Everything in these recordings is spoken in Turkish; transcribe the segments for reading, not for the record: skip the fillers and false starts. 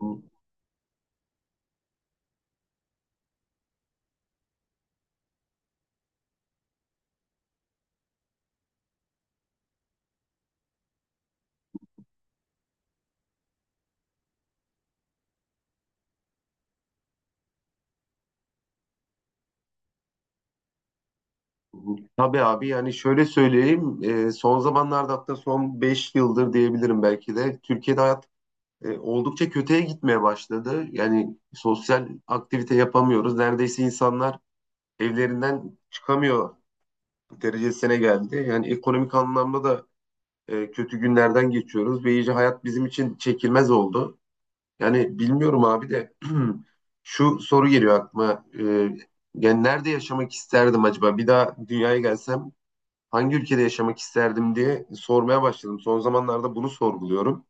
Hı hı. Tabii abi yani şöyle söyleyeyim son zamanlarda hatta son 5 yıldır diyebilirim belki de Türkiye'de hayat oldukça kötüye gitmeye başladı. Yani sosyal aktivite yapamıyoruz. Neredeyse insanlar evlerinden çıkamıyor derecesine geldi. Yani ekonomik anlamda da kötü günlerden geçiyoruz ve iyice hayat bizim için çekilmez oldu. Yani bilmiyorum abi de şu soru geliyor aklıma. Yani nerede yaşamak isterdim acaba? Bir daha dünyaya gelsem hangi ülkede yaşamak isterdim diye sormaya başladım. Son zamanlarda bunu sorguluyorum.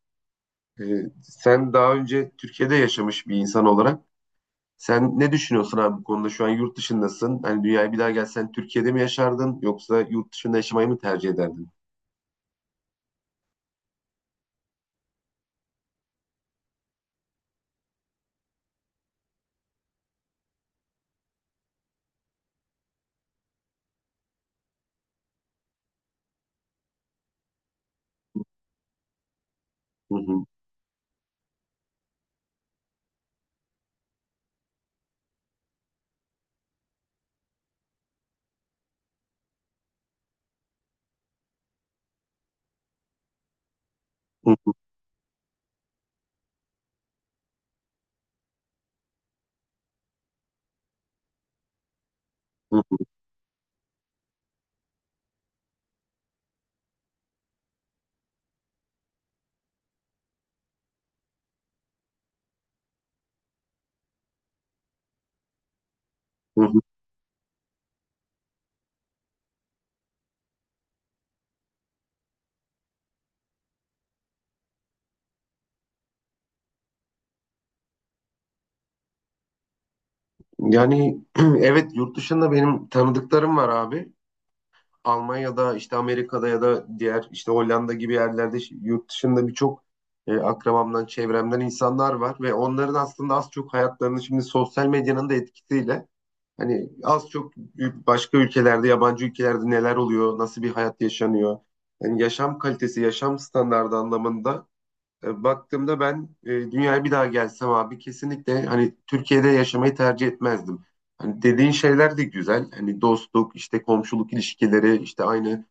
Ee, sen daha önce Türkiye'de yaşamış bir insan olarak sen ne düşünüyorsun abi bu konuda? Şu an yurt dışındasın. Hani dünyaya bir daha gelsen Türkiye'de mi yaşardın yoksa yurt dışında yaşamayı mı tercih ederdin? Hı hı. Hı hı. Hı hı. Yani evet yurt dışında benim tanıdıklarım var abi. Almanya'da işte Amerika'da ya da diğer işte Hollanda gibi yerlerde yurt dışında birçok akrabamdan çevremden insanlar var ve onların aslında az çok hayatlarını şimdi sosyal medyanın da etkisiyle hani az çok başka ülkelerde yabancı ülkelerde neler oluyor nasıl bir hayat yaşanıyor yani yaşam kalitesi yaşam standardı anlamında baktığımda ben dünyaya bir daha gelsem abi kesinlikle hani Türkiye'de yaşamayı tercih etmezdim. Hani dediğin şeyler de güzel. Hani dostluk, işte komşuluk ilişkileri, işte aynı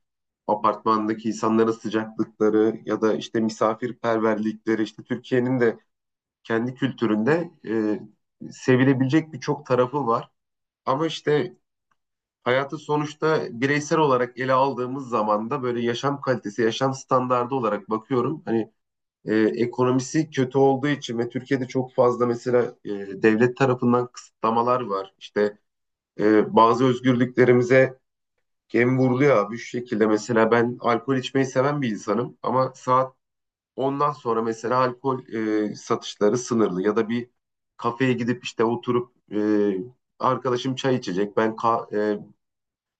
apartmandaki insanların sıcaklıkları ya da işte misafirperverlikleri, işte Türkiye'nin de kendi kültüründe sevilebilecek birçok tarafı var. Ama işte hayatı sonuçta bireysel olarak ele aldığımız zaman da böyle yaşam kalitesi, yaşam standardı olarak bakıyorum. Hani ekonomisi kötü olduğu için ve Türkiye'de çok fazla mesela devlet tarafından kısıtlamalar var. İşte bazı özgürlüklerimize gem vuruluyor abi şu şekilde. Mesela ben alkol içmeyi seven bir insanım ama saat 10'dan sonra mesela alkol satışları sınırlı ya da bir kafeye gidip işte oturup arkadaşım çay içecek ben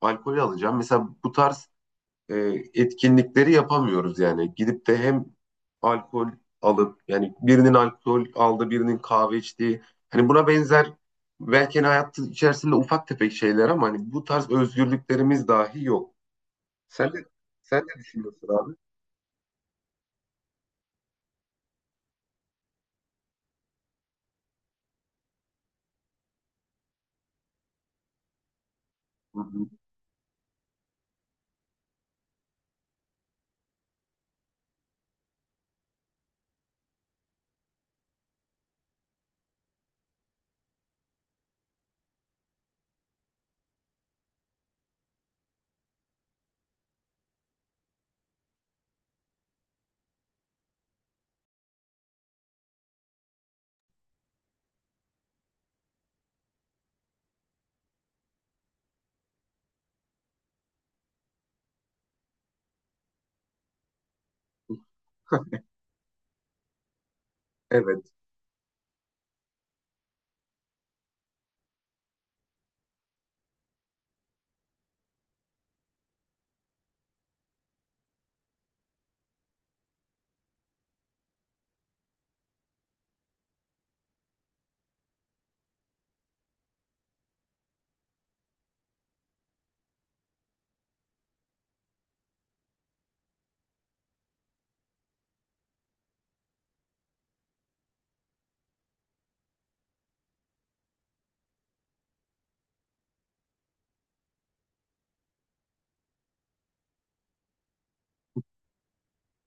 alkol alacağım. Mesela bu tarz e, etkinlikleri yapamıyoruz yani. Gidip de hem alkol alıp yani birinin alkol aldı, birinin kahve içtiği hani buna benzer belki hani hayat içerisinde ufak tefek şeyler ama hani bu tarz özgürlüklerimiz dahi yok. Sen de sen ne düşünüyorsun abi? Hı hı. Evet.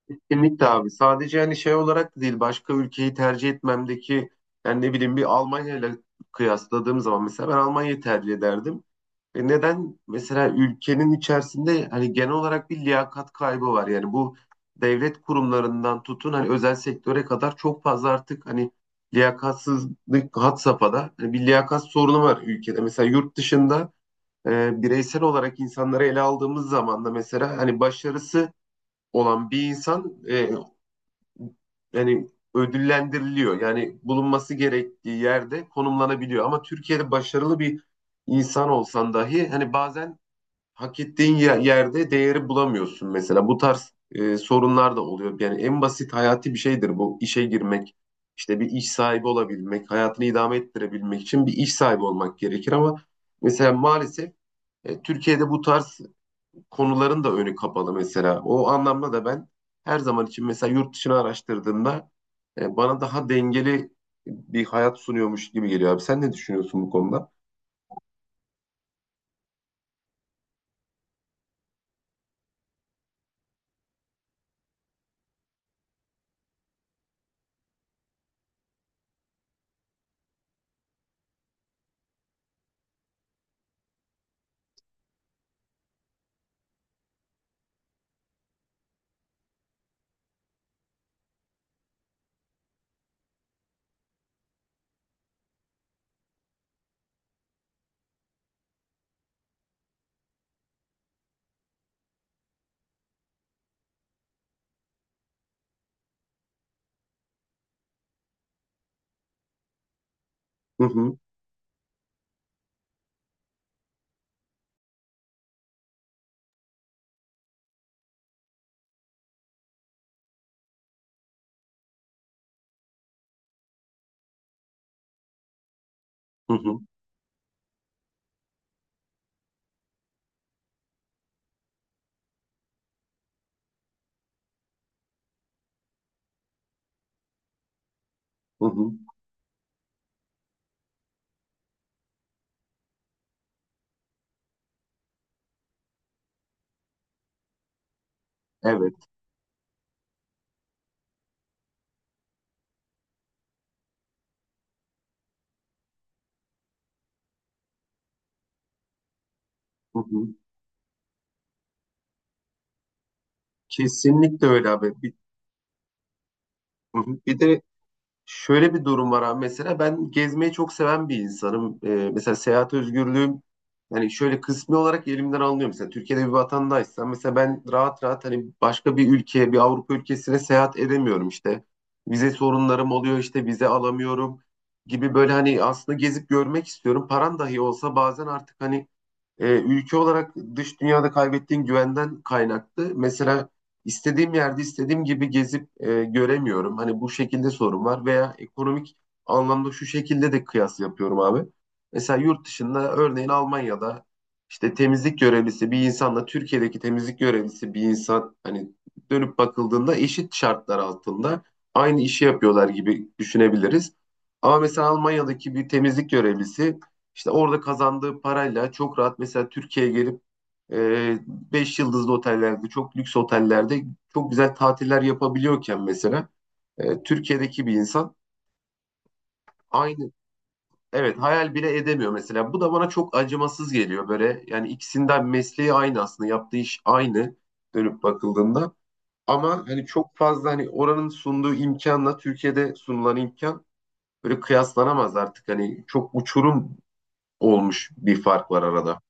Kesinlikle abi. Sadece hani şey olarak da değil başka ülkeyi tercih etmemdeki yani ne bileyim bir Almanya ile kıyasladığım zaman mesela ben Almanya'yı tercih ederdim. E neden mesela ülkenin içerisinde hani genel olarak bir liyakat kaybı var. Yani bu devlet kurumlarından tutun hani özel sektöre kadar çok fazla artık hani liyakatsızlık had safhada. Hani bir liyakat sorunu var ülkede. Mesela yurt dışında bireysel olarak insanları ele aldığımız zaman da mesela hani başarısı olan bir insan yani ödüllendiriliyor. Yani bulunması gerektiği yerde konumlanabiliyor. Ama Türkiye'de başarılı bir insan olsan dahi hani bazen hak ettiğin yerde değeri bulamıyorsun mesela. Bu tarz sorunlar da oluyor. Yani en basit hayati bir şeydir bu işe girmek. İşte bir iş sahibi olabilmek, hayatını idame ettirebilmek için bir iş sahibi olmak gerekir ama mesela maalesef Türkiye'de bu tarz konuların da önü kapalı mesela. O anlamda da ben her zaman için mesela yurt dışını araştırdığımda bana daha dengeli bir hayat sunuyormuş gibi geliyor abi. Sen ne düşünüyorsun bu konuda? Hı hı, hı hı, hı hı. Evet. Hı hı. Kesinlikle öyle abi. Bir de şöyle bir durum var abi. Mesela ben gezmeyi çok seven bir insanım. Mesela seyahat özgürlüğüm hani şöyle kısmi olarak elimden alınıyor. Mesela Türkiye'de bir vatandaşsam mesela ben rahat rahat hani başka bir ülkeye, bir Avrupa ülkesine seyahat edemiyorum işte. Vize sorunlarım oluyor işte vize alamıyorum gibi böyle hani aslında gezip görmek istiyorum. Paran dahi olsa bazen artık hani ülke olarak dış dünyada kaybettiğim güvenden kaynaklı. Mesela istediğim yerde istediğim gibi gezip göremiyorum. Hani bu şekilde sorun var veya ekonomik anlamda şu şekilde de kıyas yapıyorum abi. Mesela yurt dışında örneğin Almanya'da işte temizlik görevlisi bir insanla Türkiye'deki temizlik görevlisi bir insan hani dönüp bakıldığında eşit şartlar altında aynı işi yapıyorlar gibi düşünebiliriz. Ama mesela Almanya'daki bir temizlik görevlisi işte orada kazandığı parayla çok rahat mesela Türkiye'ye gelip e, 5 yıldızlı otellerde, çok lüks otellerde çok güzel tatiller yapabiliyorken mesela Türkiye'deki bir insan aynı evet hayal bile edemiyor mesela. Bu da bana çok acımasız geliyor böyle. Yani ikisinden mesleği aynı aslında, yaptığı iş aynı dönüp bakıldığında. Ama hani çok fazla hani oranın sunduğu imkanla Türkiye'de sunulan imkan böyle kıyaslanamaz artık. Hani çok uçurum olmuş bir fark var arada.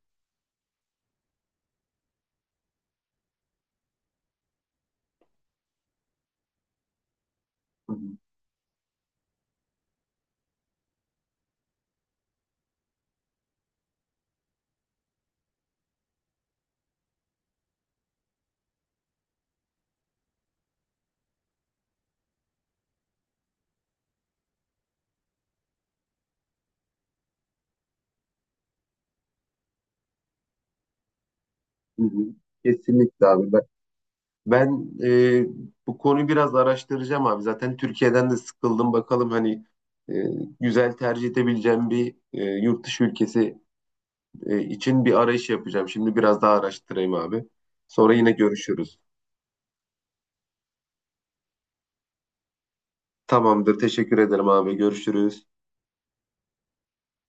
Hı hı. Kesinlikle abi. Ben bu konuyu biraz araştıracağım abi. Zaten Türkiye'den de sıkıldım. Bakalım hani e, güzel tercih edebileceğim bir yurt dışı ülkesi için bir arayış yapacağım. Şimdi biraz daha araştırayım abi. Sonra yine görüşürüz. Tamamdır. Teşekkür ederim abi. Görüşürüz.